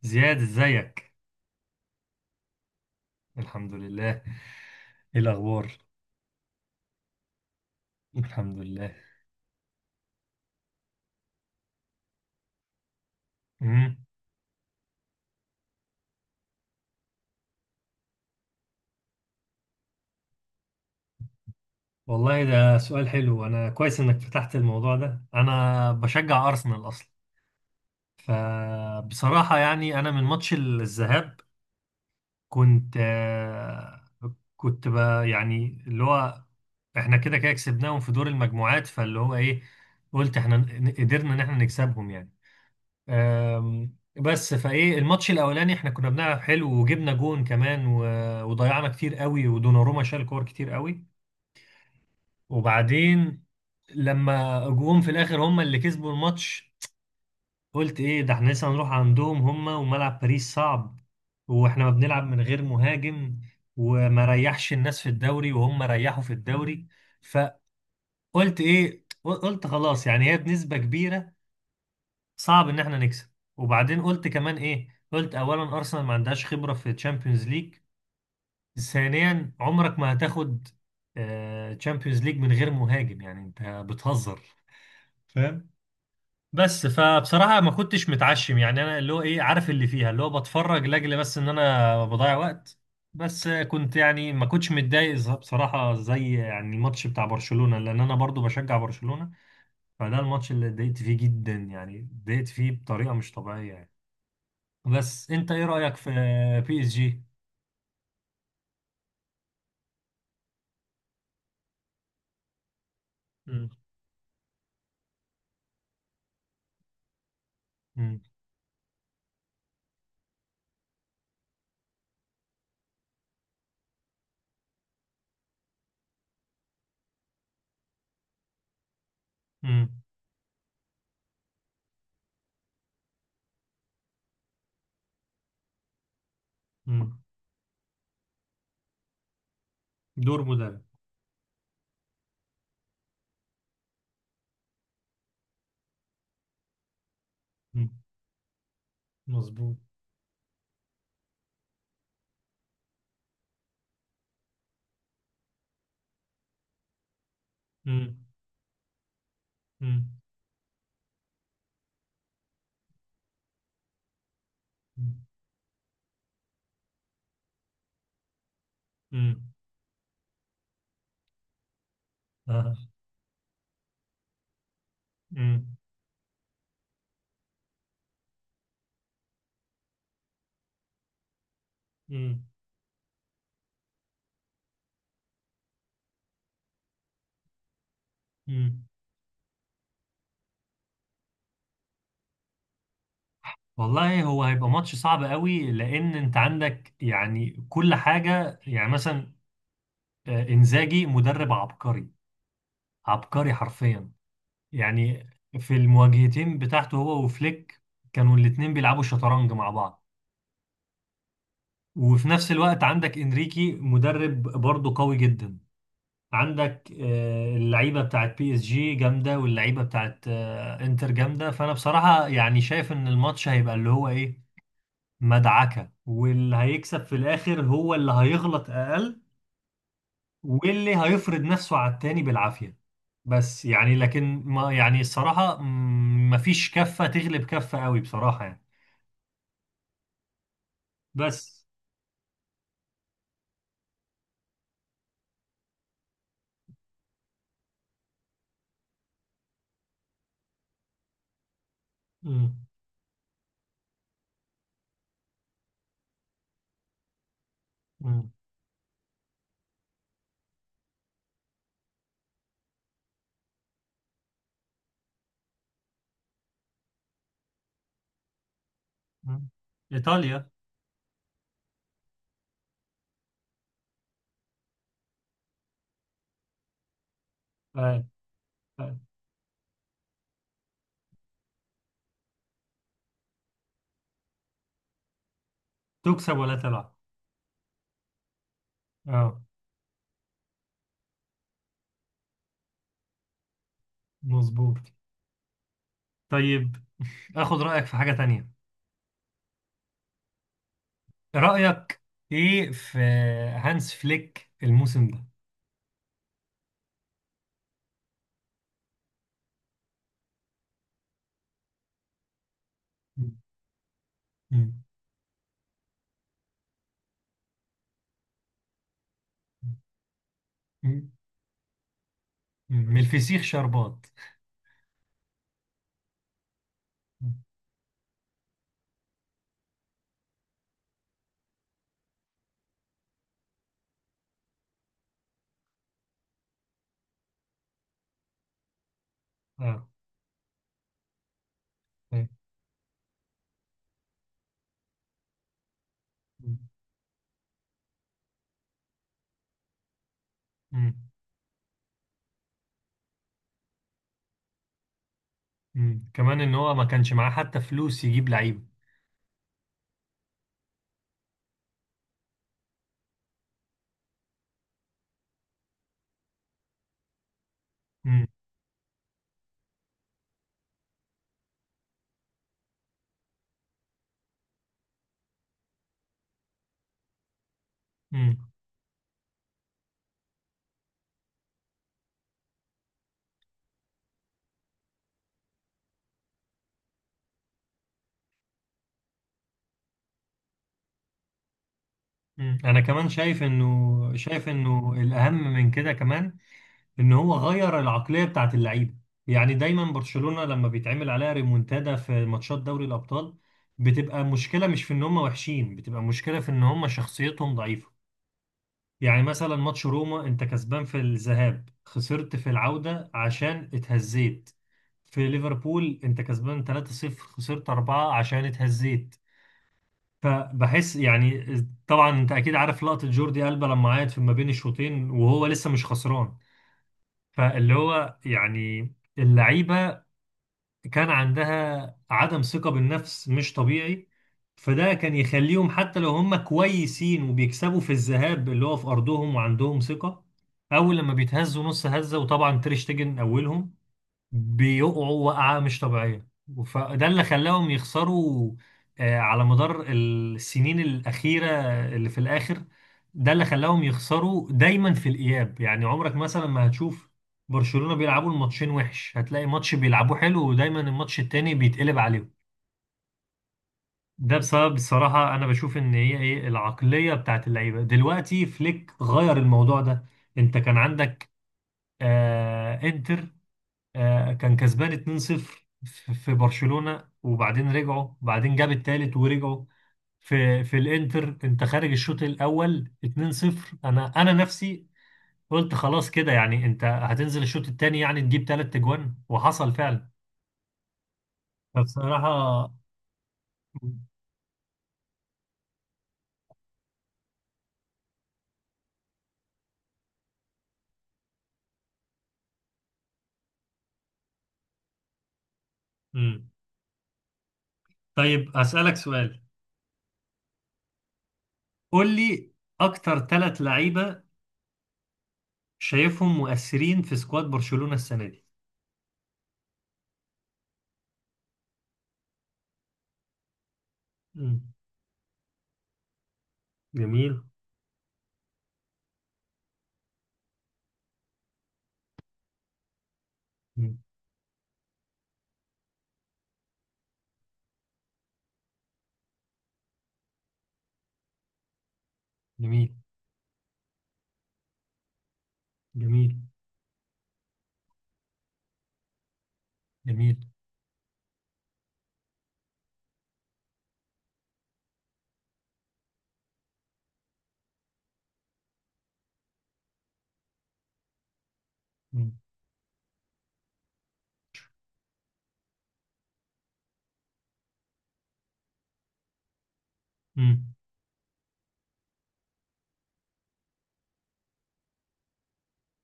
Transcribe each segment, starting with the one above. زياد ازيك. الحمد لله. ايه الاخبار؟ الحمد لله. امم. والله ده سؤال حلو، انا كويس انك فتحت الموضوع ده، انا بشجع ارسنال اصلا. فبصراحة يعني انا من ماتش الذهاب كنت كنت بقى يعني اللي هو احنا كده كده كسبناهم في دور المجموعات، فاللي هو ايه، قلت احنا قدرنا ان احنا نكسبهم يعني. بس فايه الماتش الاولاني احنا كنا بنلعب حلو وجبنا جون كمان وضيعنا كتير قوي، ودوناروما شال كور كتير قوي. وبعدين لما جوهم في الاخر هم اللي كسبوا الماتش. قلت ايه ده، احنا لسه هنروح عندهم، هم وملعب باريس صعب، واحنا ما بنلعب من غير مهاجم، وما ريحش الناس في الدوري وهم ريحوا في الدوري. فقلت ايه، قلت خلاص يعني هي بنسبة كبيرة صعب ان احنا نكسب. وبعدين قلت كمان ايه، قلت اولا ارسنال ما عندهاش خبره في تشامبيونز ليج، ثانيا عمرك ما هتاخد تشامبيونز ليج من غير مهاجم، يعني انت بتهزر، فاهم؟ بس فبصراحه ما كنتش متعشم يعني، انا اللي هو ايه، عارف اللي فيها، اللي هو بتفرج لاجل بس ان انا بضيع وقت. بس كنت يعني ما كنتش متضايق بصراحه زي يعني الماتش بتاع برشلونه، لان انا برضو بشجع برشلونه. فده الماتش اللي اتضايقت فيه جدا، يعني اتضايقت فيه بطريقه مش طبيعيه يعني. بس انت ايه رأيك في PSG؟ مم. مم. مم. مم. دور مدرب. مم. مظبوط. مم. مم. مم. آه. مم. مم. مم. والله هو هيبقى ماتش صعب قوي، لان انت عندك يعني كل حاجة، يعني مثلا انزاجي مدرب عبقري، عبقري حرفيا يعني. في المواجهتين بتاعته هو وفليك كانوا الاتنين بيلعبوا شطرنج مع بعض. وفي نفس الوقت عندك انريكي مدرب برضه قوي جدا، عندك اللعيبه بتاعت PSG جامده، واللعيبه بتاعت انتر جامده. فانا بصراحه يعني شايف ان الماتش هيبقى اللي هو ايه، مدعكه، واللي هيكسب في الاخر هو اللي هيغلط اقل، واللي هيفرض نفسه على التاني بالعافيه. بس يعني لكن ما يعني الصراحه مفيش كفه تغلب كفه قوي بصراحه يعني. بس. مم. مم. مم. ايطاليا. آه. آه. تكسب ولا تلعب. اه. مظبوط. طيب، اخد رأيك في حاجة تانية. رأيك ايه في هانس فليك الموسم ده؟ مم. مم. من الفسيخ شربات. اه. طيب. مم. مم. كمان ان هو ما كانش معاه حتى فلوس يجيب لعيب. مم. مم. مم. انا كمان شايف انه شايف انه الاهم من كده كمان ان هو غير العقليه بتاعت اللعيبه. يعني دايما برشلونه لما بيتعمل عليها ريمونتادا في ماتشات دوري الابطال بتبقى مشكله، مش في ان هم وحشين، بتبقى مشكله في ان هم شخصيتهم ضعيفه. يعني مثلا ماتش روما انت كسبان في الذهاب خسرت في العوده عشان اتهزيت، في ليفربول انت كسبان 3-0 خسرت 4 عشان اتهزيت. فبحس يعني، طبعا انت اكيد عارف لقطة جوردي ألبا لما عيط في ما بين الشوطين وهو لسه مش خسران. فاللي هو يعني اللعيبة كان عندها عدم ثقة بالنفس مش طبيعي. فده كان يخليهم حتى لو هم كويسين وبيكسبوا في الذهاب اللي هو في أرضهم وعندهم ثقة، أول لما بيتهزوا نص هزة، وطبعا تير شتيجن أولهم، بيقعوا وقعة مش طبيعية. فده اللي خلاهم يخسروا على مدار السنين الأخيرة. اللي في الآخر ده اللي خلاهم يخسروا دايما في الإياب، يعني عمرك مثلا ما هتشوف برشلونة بيلعبوا الماتشين وحش، هتلاقي ماتش بيلعبوه حلو ودايما الماتش التاني بيتقلب عليهم. ده بسبب، الصراحة أنا بشوف إن هي إيه، العقلية بتاعت اللعيبة. دلوقتي فليك غير الموضوع ده. أنت كان عندك إنتر، كان كسبان 2-0 في في برشلونة، وبعدين رجعوا، وبعدين جاب التالت ورجعوا. في في الانتر انت خارج الشوط الاول 2-0، انا نفسي قلت خلاص كده، يعني انت هتنزل الشوط التاني يعني تجيب تلات اجوان، وحصل فعلا. فبصراحة. مم. طيب أسألك سؤال. قول لي، أكتر ثلاث لعيبة شايفهم مؤثرين في سكواد برشلونة السنة دي. مم. جميل. مم. جميل. جميل. جميل. مم.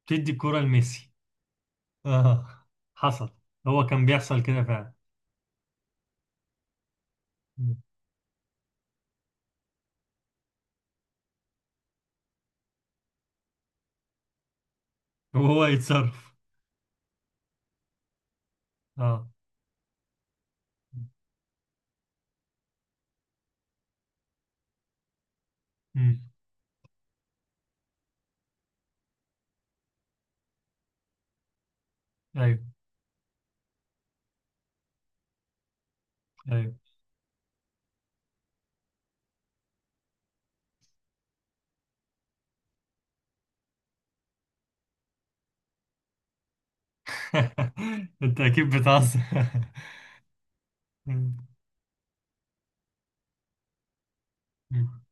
تدي الكرة لميسي. اه. حصل. هو كان بيحصل كده فعلا. مم. وهو يتصرف. اه. مم. ايوه. ايوه. انت اكيد بتهزر. مم. مم.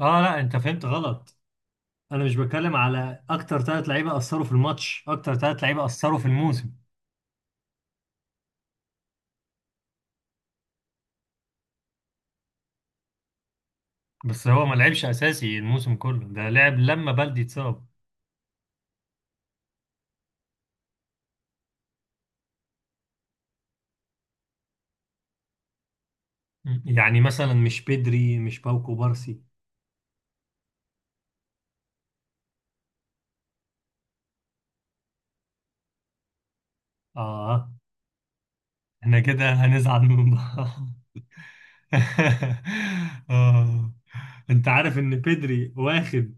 اه لا، انت فهمت غلط، انا مش بتكلم على اكتر ثلاث لعيبه اثروا في الماتش، اكتر ثلاث لعيبه اثروا في الموسم. بس هو ما لعبش اساسي الموسم كله ده، لعب لما بلدي اتصاب. مم. يعني مثلا مش بدري، مش باوكو بارسي. اه. احنا كده هنزعل من بعض. آه. انت عارف ان بيدري واخد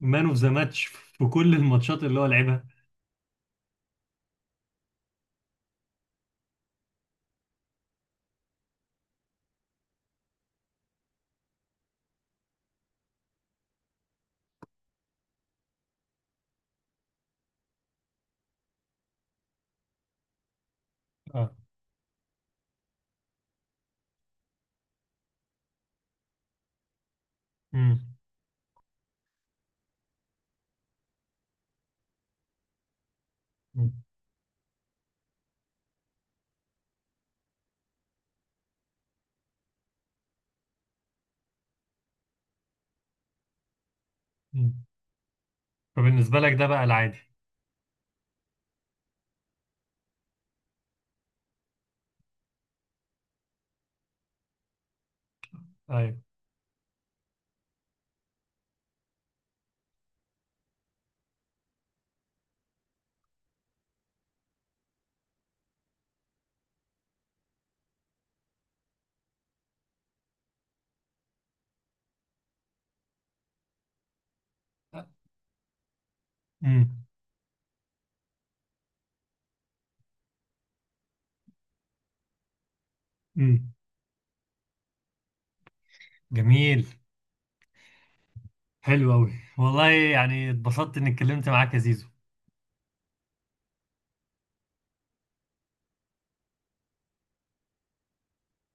مان اوف ذا ماتش في كل الماتشات اللي هو لعبها. اه. امم. أمم. أمم. فبالنسبة لك ده بقى العادي. ايوه. امم. أمم. جميل. حلو قوي. والله يعني اتبسطت اني اتكلمت معاك يا زيزو.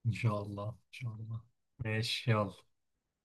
ان شاء الله، ان شاء الله. ماشي، يلا.